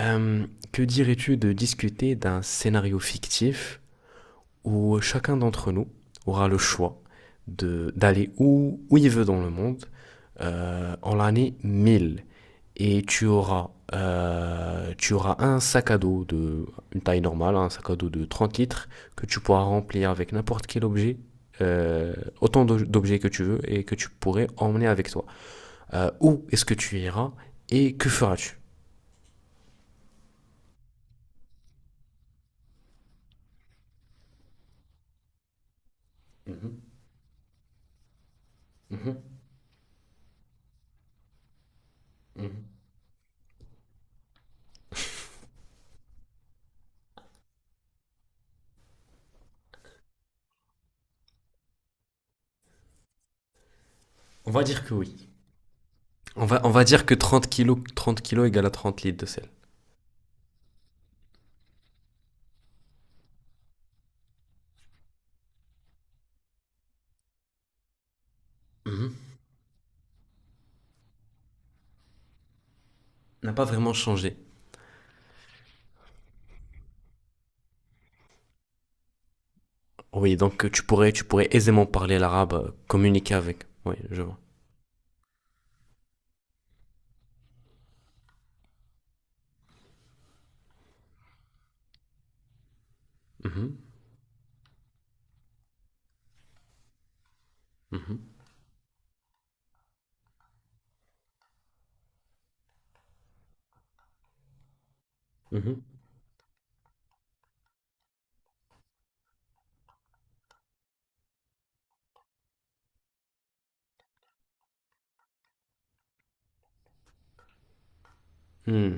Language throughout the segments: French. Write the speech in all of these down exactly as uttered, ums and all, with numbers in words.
Euh, que dirais-tu de discuter d'un scénario fictif où chacun d'entre nous aura le choix de d'aller où, où il veut dans le monde euh, en l'année mille et tu auras euh, tu auras un sac à dos de une taille normale, un sac à dos de trente litres que tu pourras remplir avec n'importe quel objet, euh, autant d'o- d'objets que tu veux et que tu pourrais emmener avec toi. Euh, où est-ce que tu iras et que feras-tu? Mhm, mhm, mhm. On va dire que oui. On va, on va dire que trente kilos, trente kilos égale à trente litres de sel. Mhm. N'a pas vraiment changé. Oui, donc euh, tu pourrais, tu pourrais aisément parler l'arabe, euh, communiquer avec. Oui, je vois. Mhm, mhm, mhm. Hmm.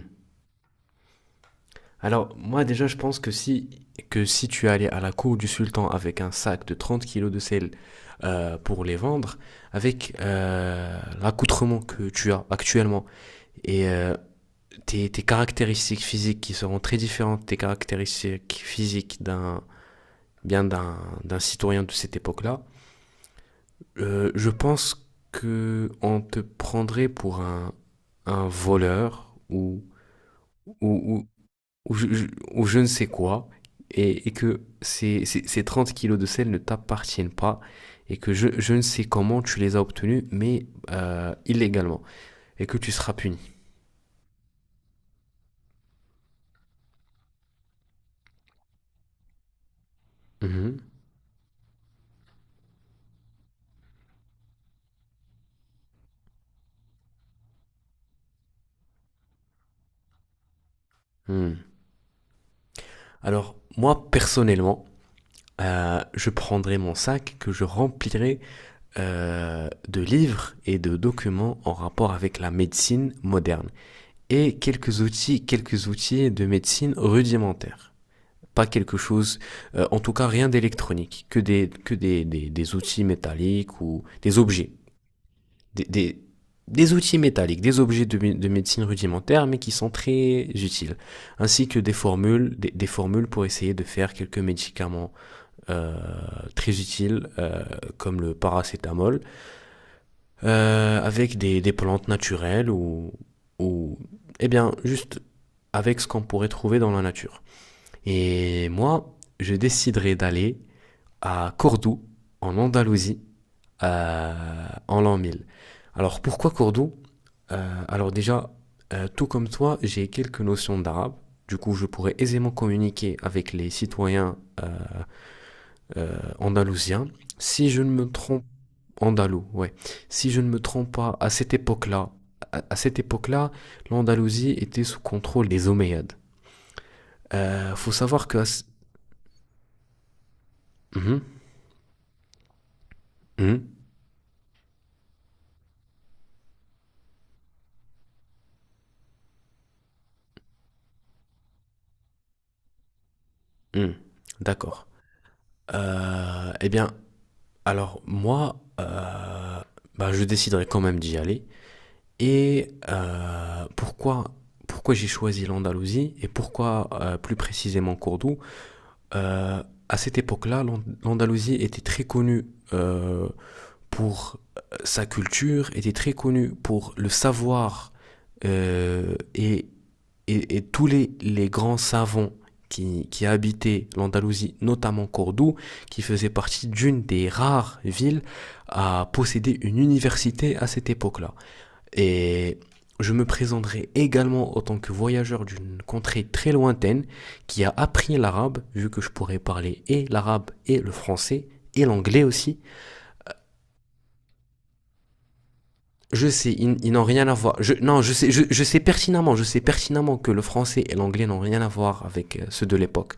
Alors, moi déjà, je pense que si, que si tu allais à la cour du sultan avec un sac de trente kilos de sel euh, pour les vendre, avec euh, l'accoutrement que tu as actuellement et euh, tes, tes caractéristiques physiques qui seront très différentes des caractéristiques physiques d'un bien d'un d'un citoyen de cette époque-là, euh, je pense que on te prendrait pour un, un voleur ou, ou, ou, ou je, ou je ne sais quoi, et, et que ces, ces, ces trente kilos de sel ne t'appartiennent pas, et que je, je ne sais comment tu les as obtenus, mais euh, illégalement, et que tu seras puni. Mhm. Hmm. Alors, moi, personnellement, euh, je prendrai mon sac que je remplirai euh, de livres et de documents en rapport avec la médecine moderne et quelques outils, quelques outils de médecine rudimentaires. Pas quelque chose, euh, en tout cas rien d'électronique, que des que des, des, des outils métalliques ou des objets, des, des, des outils métalliques, des objets de, de médecine rudimentaire, mais qui sont très utiles, ainsi que des formules, des, des formules pour essayer de faire quelques médicaments euh, très utiles euh, comme le paracétamol euh, avec des, des plantes naturelles ou, ou eh bien juste avec ce qu'on pourrait trouver dans la nature. Et moi, je déciderai d'aller à Cordoue en Andalousie euh, en l'an mille. Alors pourquoi Cordoue? euh, Alors déjà, euh, tout comme toi, j'ai quelques notions d'arabe. Du coup, je pourrais aisément communiquer avec les citoyens euh, euh, andalousien. Si je ne me trompe, andalou, ouais. Si je ne me trompe pas, à cette époque-là, à, à cette époque-là, l'Andalousie était sous contrôle des Omeyyades. Euh, faut savoir que. à ce- Mhm, mhm, mhm. D'accord. Euh, eh bien, alors moi, euh, bah, je déciderai quand même d'y aller. Et euh, pourquoi, pourquoi j'ai choisi l'Andalousie et pourquoi euh, plus précisément Cordoue? euh, à cette époque-là, l'Andalousie était très connue euh, pour euh, sa culture, était très connue pour le savoir euh, et, et- et tous les, les grands savants qui, qui habitaient l'Andalousie, notamment Cordoue, qui faisait partie d'une des rares villes à posséder une université à cette époque-là. Et je me présenterai également en tant que voyageur d'une contrée très lointaine qui a appris l'arabe, vu que je pourrais parler et l'arabe et le français et l'anglais aussi. Je sais, ils n'ont rien à voir. Je, non, je sais, je, je sais pertinemment, je sais pertinemment que le français et l'anglais n'ont rien à voir avec euh, ceux de l'époque.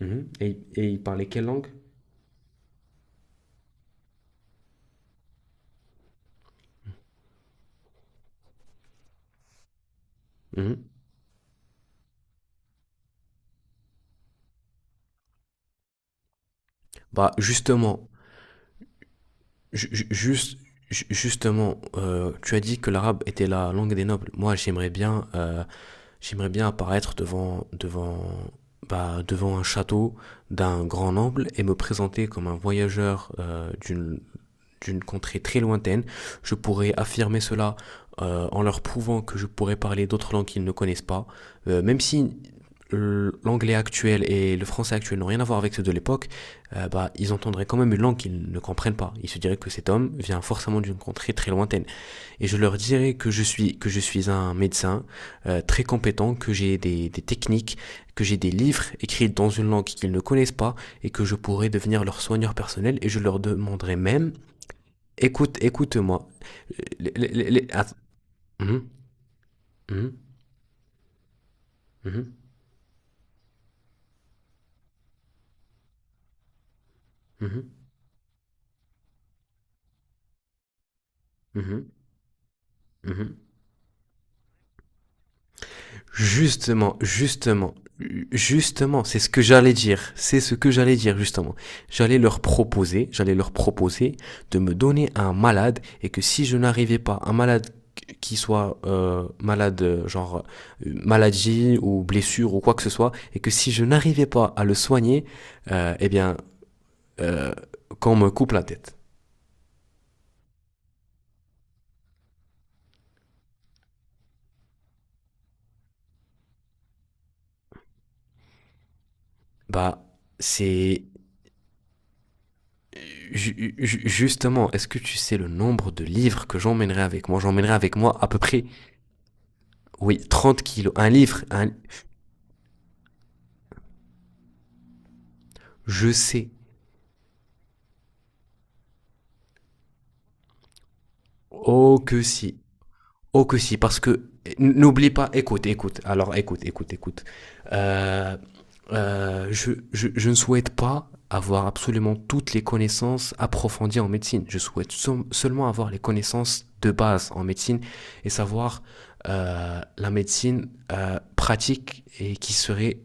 Mhm. Et, et ils parlaient quelle langue? Mhm. Bah justement, ju- ju- juste, ju- justement, euh, tu as dit que l'arabe était la langue des nobles. Moi, j'aimerais bien euh, J'aimerais bien apparaître devant, devant, bah, devant un château d'un grand noble et me présenter comme un voyageur euh, d'une d'une contrée très lointaine. Je pourrais affirmer cela euh, en leur prouvant que je pourrais parler d'autres langues qu'ils ne connaissent pas. Euh, même si euh, l'anglais actuel et le français actuel n'ont rien à voir avec ceux de l'époque, euh, bah, ils entendraient quand même une langue qu'ils ne comprennent pas. Ils se diraient que cet homme vient forcément d'une contrée très lointaine et je leur dirai que je suis que je suis un médecin euh, très compétent, que j'ai des, des techniques, que j'ai des livres écrits dans une langue qu'ils ne connaissent pas et que je pourrais devenir leur soigneur personnel et je leur demanderai même. Écoute écoute-moi Les- les- les- les- att- Mhm, mhm, mhm, mhm, mhm, mhm. Justement, justement, justement, c'est ce que j'allais dire. C'est ce que j'allais dire, justement. J'allais leur proposer, j'allais leur proposer de me donner un malade et que si je n'arrivais pas, un malade qui soit euh, malade, euh, genre euh, maladie ou blessure ou quoi que ce soit, et que si je n'arrivais pas à le soigner, euh, eh bien, euh, qu'on me coupe la tête. Bah, c'est Ju- ju- Justement, est-ce que tu sais le nombre de livres que j'emmènerai avec moi? J'emmènerai avec moi à peu près, oui, trente kilos. Un livre, un... Je sais. Oh que si. Oh que si, parce que n'oublie pas, écoute, écoute, alors écoute, écoute, écoute. Euh, euh, je, je, je ne souhaite pas avoir absolument toutes les connaissances approfondies en médecine. Je souhaite som- seulement avoir les connaissances de base en médecine et savoir euh, la médecine euh, pratique et qui serait,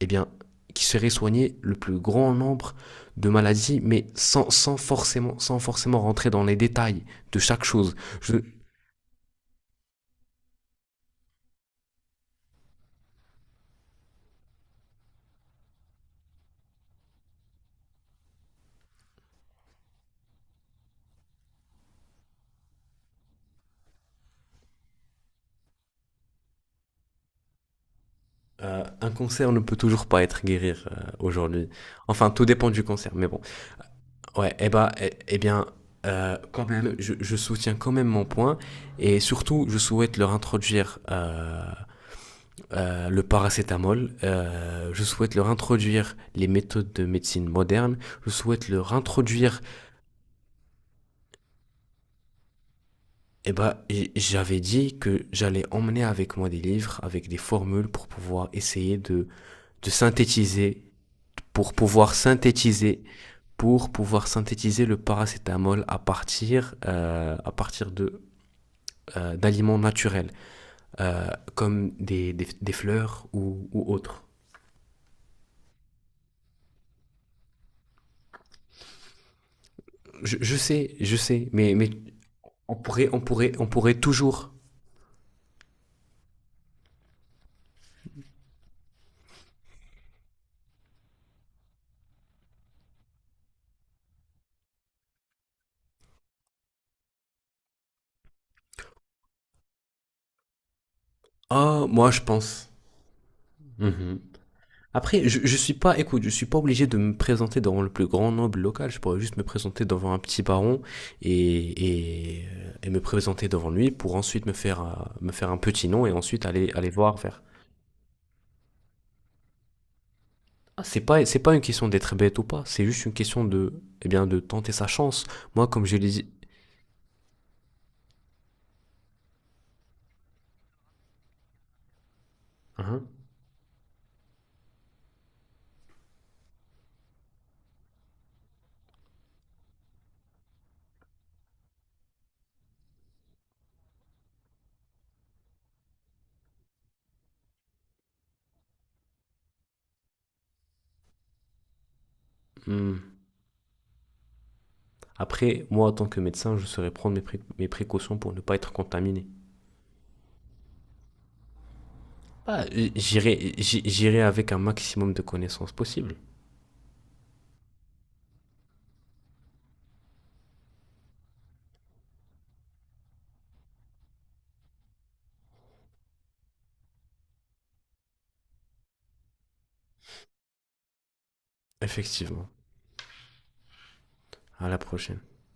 eh bien, qui serait soigner le plus grand nombre de maladies, mais sans, sans forcément, sans forcément rentrer dans les détails de chaque chose. Je, Euh, un cancer ne peut toujours pas être guéri euh, aujourd'hui. Enfin, tout dépend du cancer, mais bon. Ouais, eh bah, eh, eh bien, euh, quand même, je, je soutiens quand même mon point et surtout, je souhaite leur introduire euh, euh, le paracétamol. Euh, je souhaite leur introduire les méthodes de médecine moderne. Je souhaite leur introduire. Eh bah, j- j'avais dit que j'allais emmener avec moi des livres, avec des formules pour pouvoir essayer de, de synthétiser, pour pouvoir synthétiser pour pouvoir synthétiser le paracétamol à partir, euh, à partir de, euh, d'aliments naturels, euh, comme des, des, des fleurs ou, ou autres. Je, je sais, je sais, mais, mais on, pourrait, on, pourrait, on pourrait toujours. Ah, oh, moi je pense. Mhm. Après, je, je suis pas, écoute, je suis pas obligé de me présenter devant le plus grand noble local. Je pourrais juste me présenter devant un petit baron et, et, et me présenter devant lui pour ensuite me faire, euh, me faire un petit nom et ensuite aller, aller voir vers C'est pas, c'est pas une question d'être bête ou pas, c'est juste une question de, eh bien, de tenter sa chance. Moi, comme je l'ai dit. Hein. Hmm. Après, moi, en tant que médecin, je saurais prendre mes, pré- mes précautions pour ne pas être contaminé. Ah, J'irai j'irai avec un maximum de connaissances possibles. Effectivement. À la prochaine.